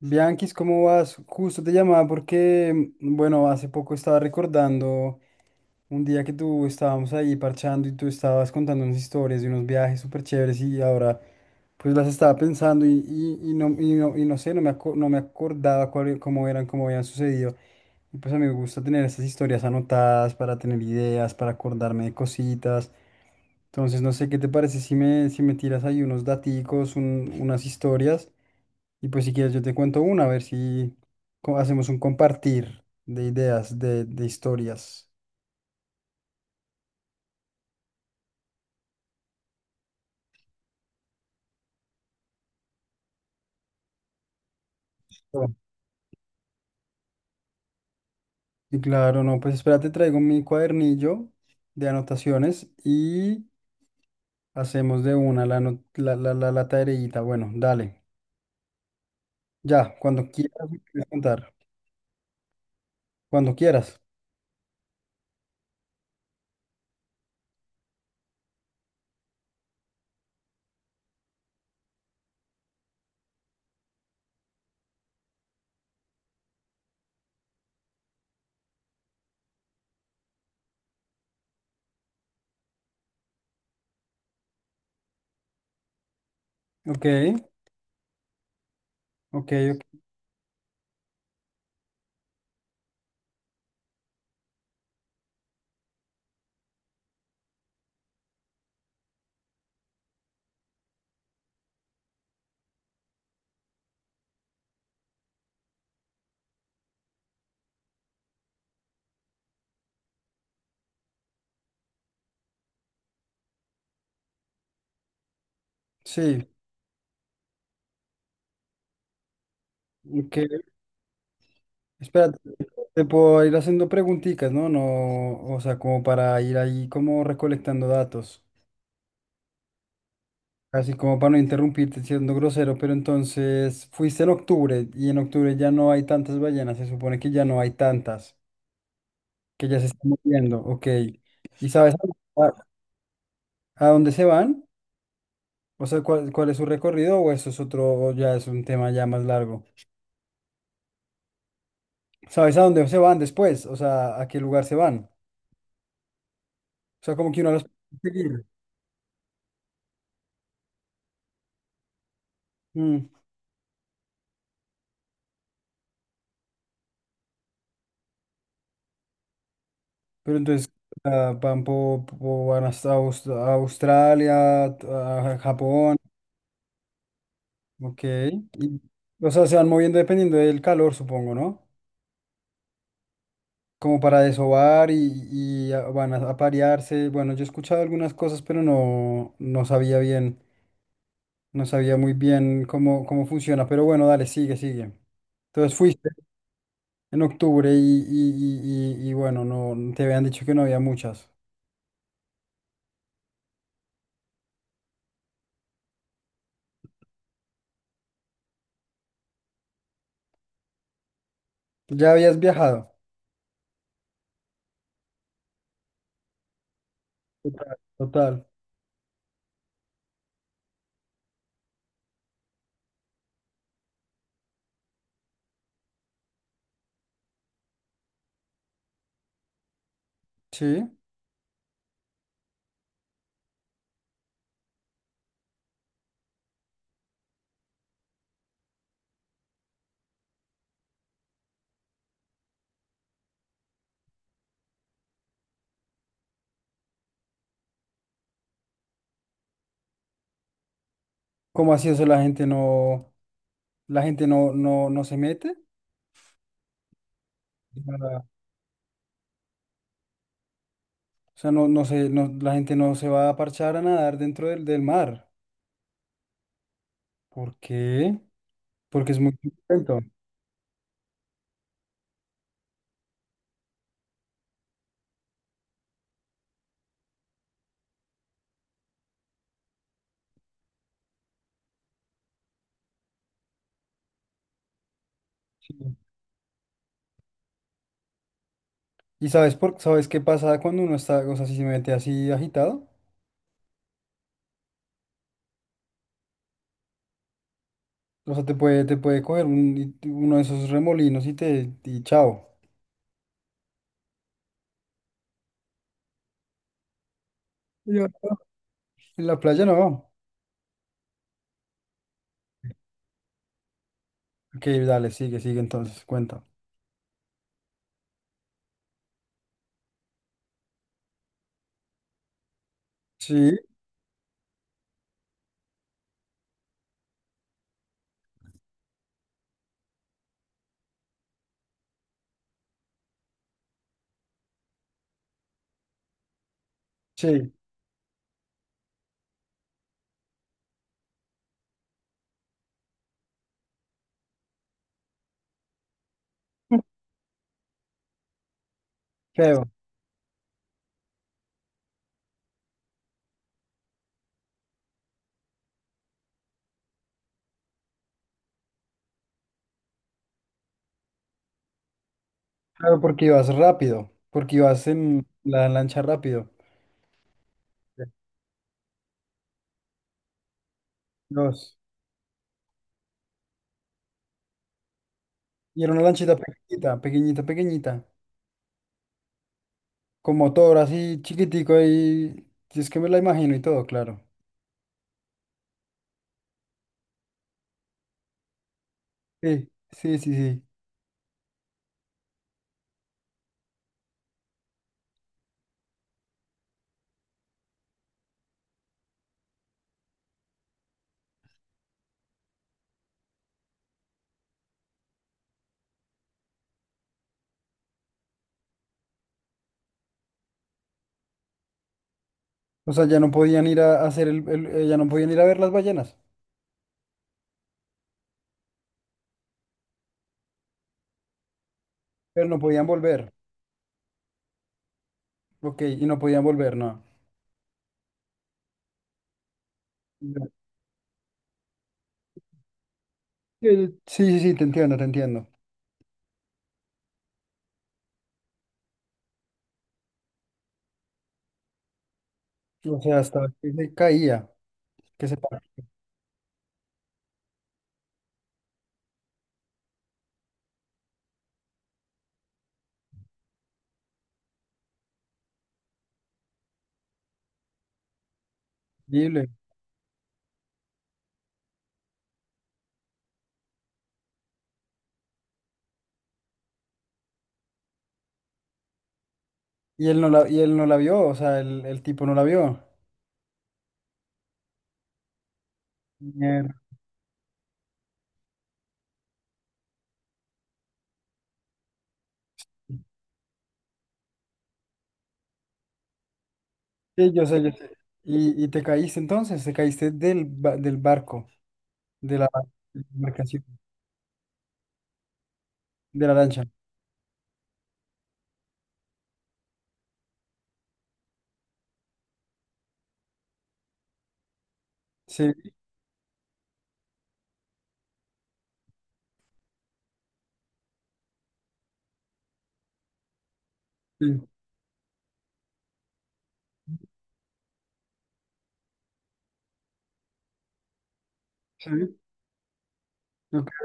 Bianquis, ¿cómo vas? Justo te llamaba porque, bueno, hace poco estaba recordando un día que tú estábamos ahí parchando y tú estabas contando unas historias de unos viajes súper chéveres y ahora pues las estaba pensando y no, y, no, y no sé, no me, aco- no me acordaba cómo eran, cómo habían sucedido. Y pues a mí me gusta tener estas historias anotadas para tener ideas, para acordarme de cositas. Entonces, no sé qué te parece si me tiras ahí unos daticos, unas historias. Y pues si quieres yo te cuento una, a ver si hacemos un compartir de ideas, de historias. Bueno, y claro, no, pues espérate, traigo mi cuadernillo de anotaciones y hacemos de una la, ano- la tareita. Bueno, dale. Ya, cuando quieras me puedes contar. Cuando quieras. Ok, ok, ok. Sí, ok. Espérate, te puedo ir haciendo preguntitas, ¿no? No, o sea, como para ir ahí como recolectando datos. Así como para no interrumpirte siendo grosero, pero entonces fuiste en octubre y en octubre ya no hay tantas ballenas, se supone que ya no hay tantas, que ya se están moviendo, ok. ¿Y sabes a, a- a dónde se van? O sea, ¿cuál, cuál es su recorrido o eso es otro, o ya es un tema ya más largo? ¿Sabes a dónde se van después? O sea, ¿a qué lugar se van? O sea, como que uno las puede seguir. Mm, Pero entonces ah, van, van hasta a Australia, a Japón. Ok. Y, o sea, se van moviendo dependiendo del calor, supongo, ¿no? Como para desovar y, van a parearse. Bueno, yo he escuchado algunas cosas, pero no, no sabía bien, no sabía muy bien cómo, cómo funciona. Pero bueno, dale, sigue, sigue. Entonces fuiste en octubre y, y bueno, no te habían dicho que no había muchas. Ya habías viajado, total. Sí. ¿Cómo así eso la gente no, no se mete? O sea, no, no se no, la gente no se va a parchar a nadar dentro del mar. ¿Por qué? Porque es muy violento. ¿Y sabes por, sabes qué pasa cuando uno está, o sea, si se mete así agitado? O sea, te puede coger uno de esos remolinos y te, y chao. Yo no. En la playa no. Ok, dale, sigue, sigue entonces, cuenta. Sí, sí, creo. Claro, porque ibas rápido, porque ibas en la lancha rápido. Dos. Y era una lanchita pequeñita, pequeñita, pequeñita. Con motor así chiquitico ahí. Si es que me la imagino y todo, claro. Sí, sí, sí, sí. O sea, ya no podían ir a hacer ya no podían ir a ver las ballenas, pero no podían volver. Ok, y no podían volver, no. Ya. Sí, sí, sí, te entiendo, te entiendo. O sea, hasta que se caía, que se partía. Horrible. Y él no la vio, o sea, el tipo no la vio. Mierda. Sí, yo sé, yo sé. Y te caíste entonces, te caíste del barco, de la de la embarcación, de la lancha. Sí, sí. Sí, no,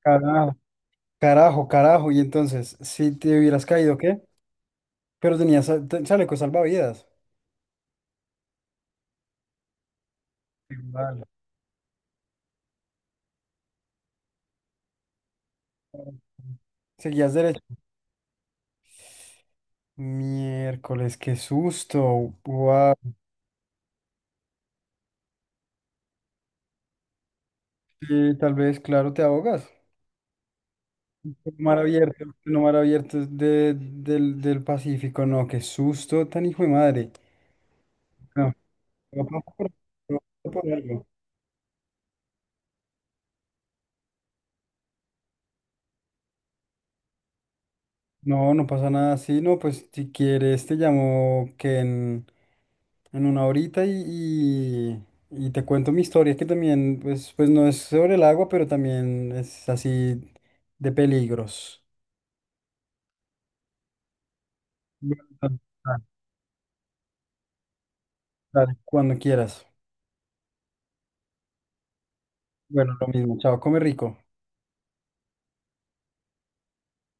carajo, carajo, carajo. Y entonces, si te hubieras caído, ¿qué? Pero tenías chaleco salvavidas. Igual. Seguías derecho. Miércoles, qué susto. Guau. Sí, tal vez, claro, te ahogas. Mar abierto, no mar abierto es del, del Pacífico, no, qué susto tan hijo de madre. No, no pasa por, no pasa por algo. No, no pasa nada. Sí, no, pues si quieres te llamo que en una horita y, y, y te cuento mi historia que también, pues, pues no es sobre el agua, pero también es así de peligros. Bueno, dale, dale, cuando quieras. Bueno, lo mismo. Chao, come rico.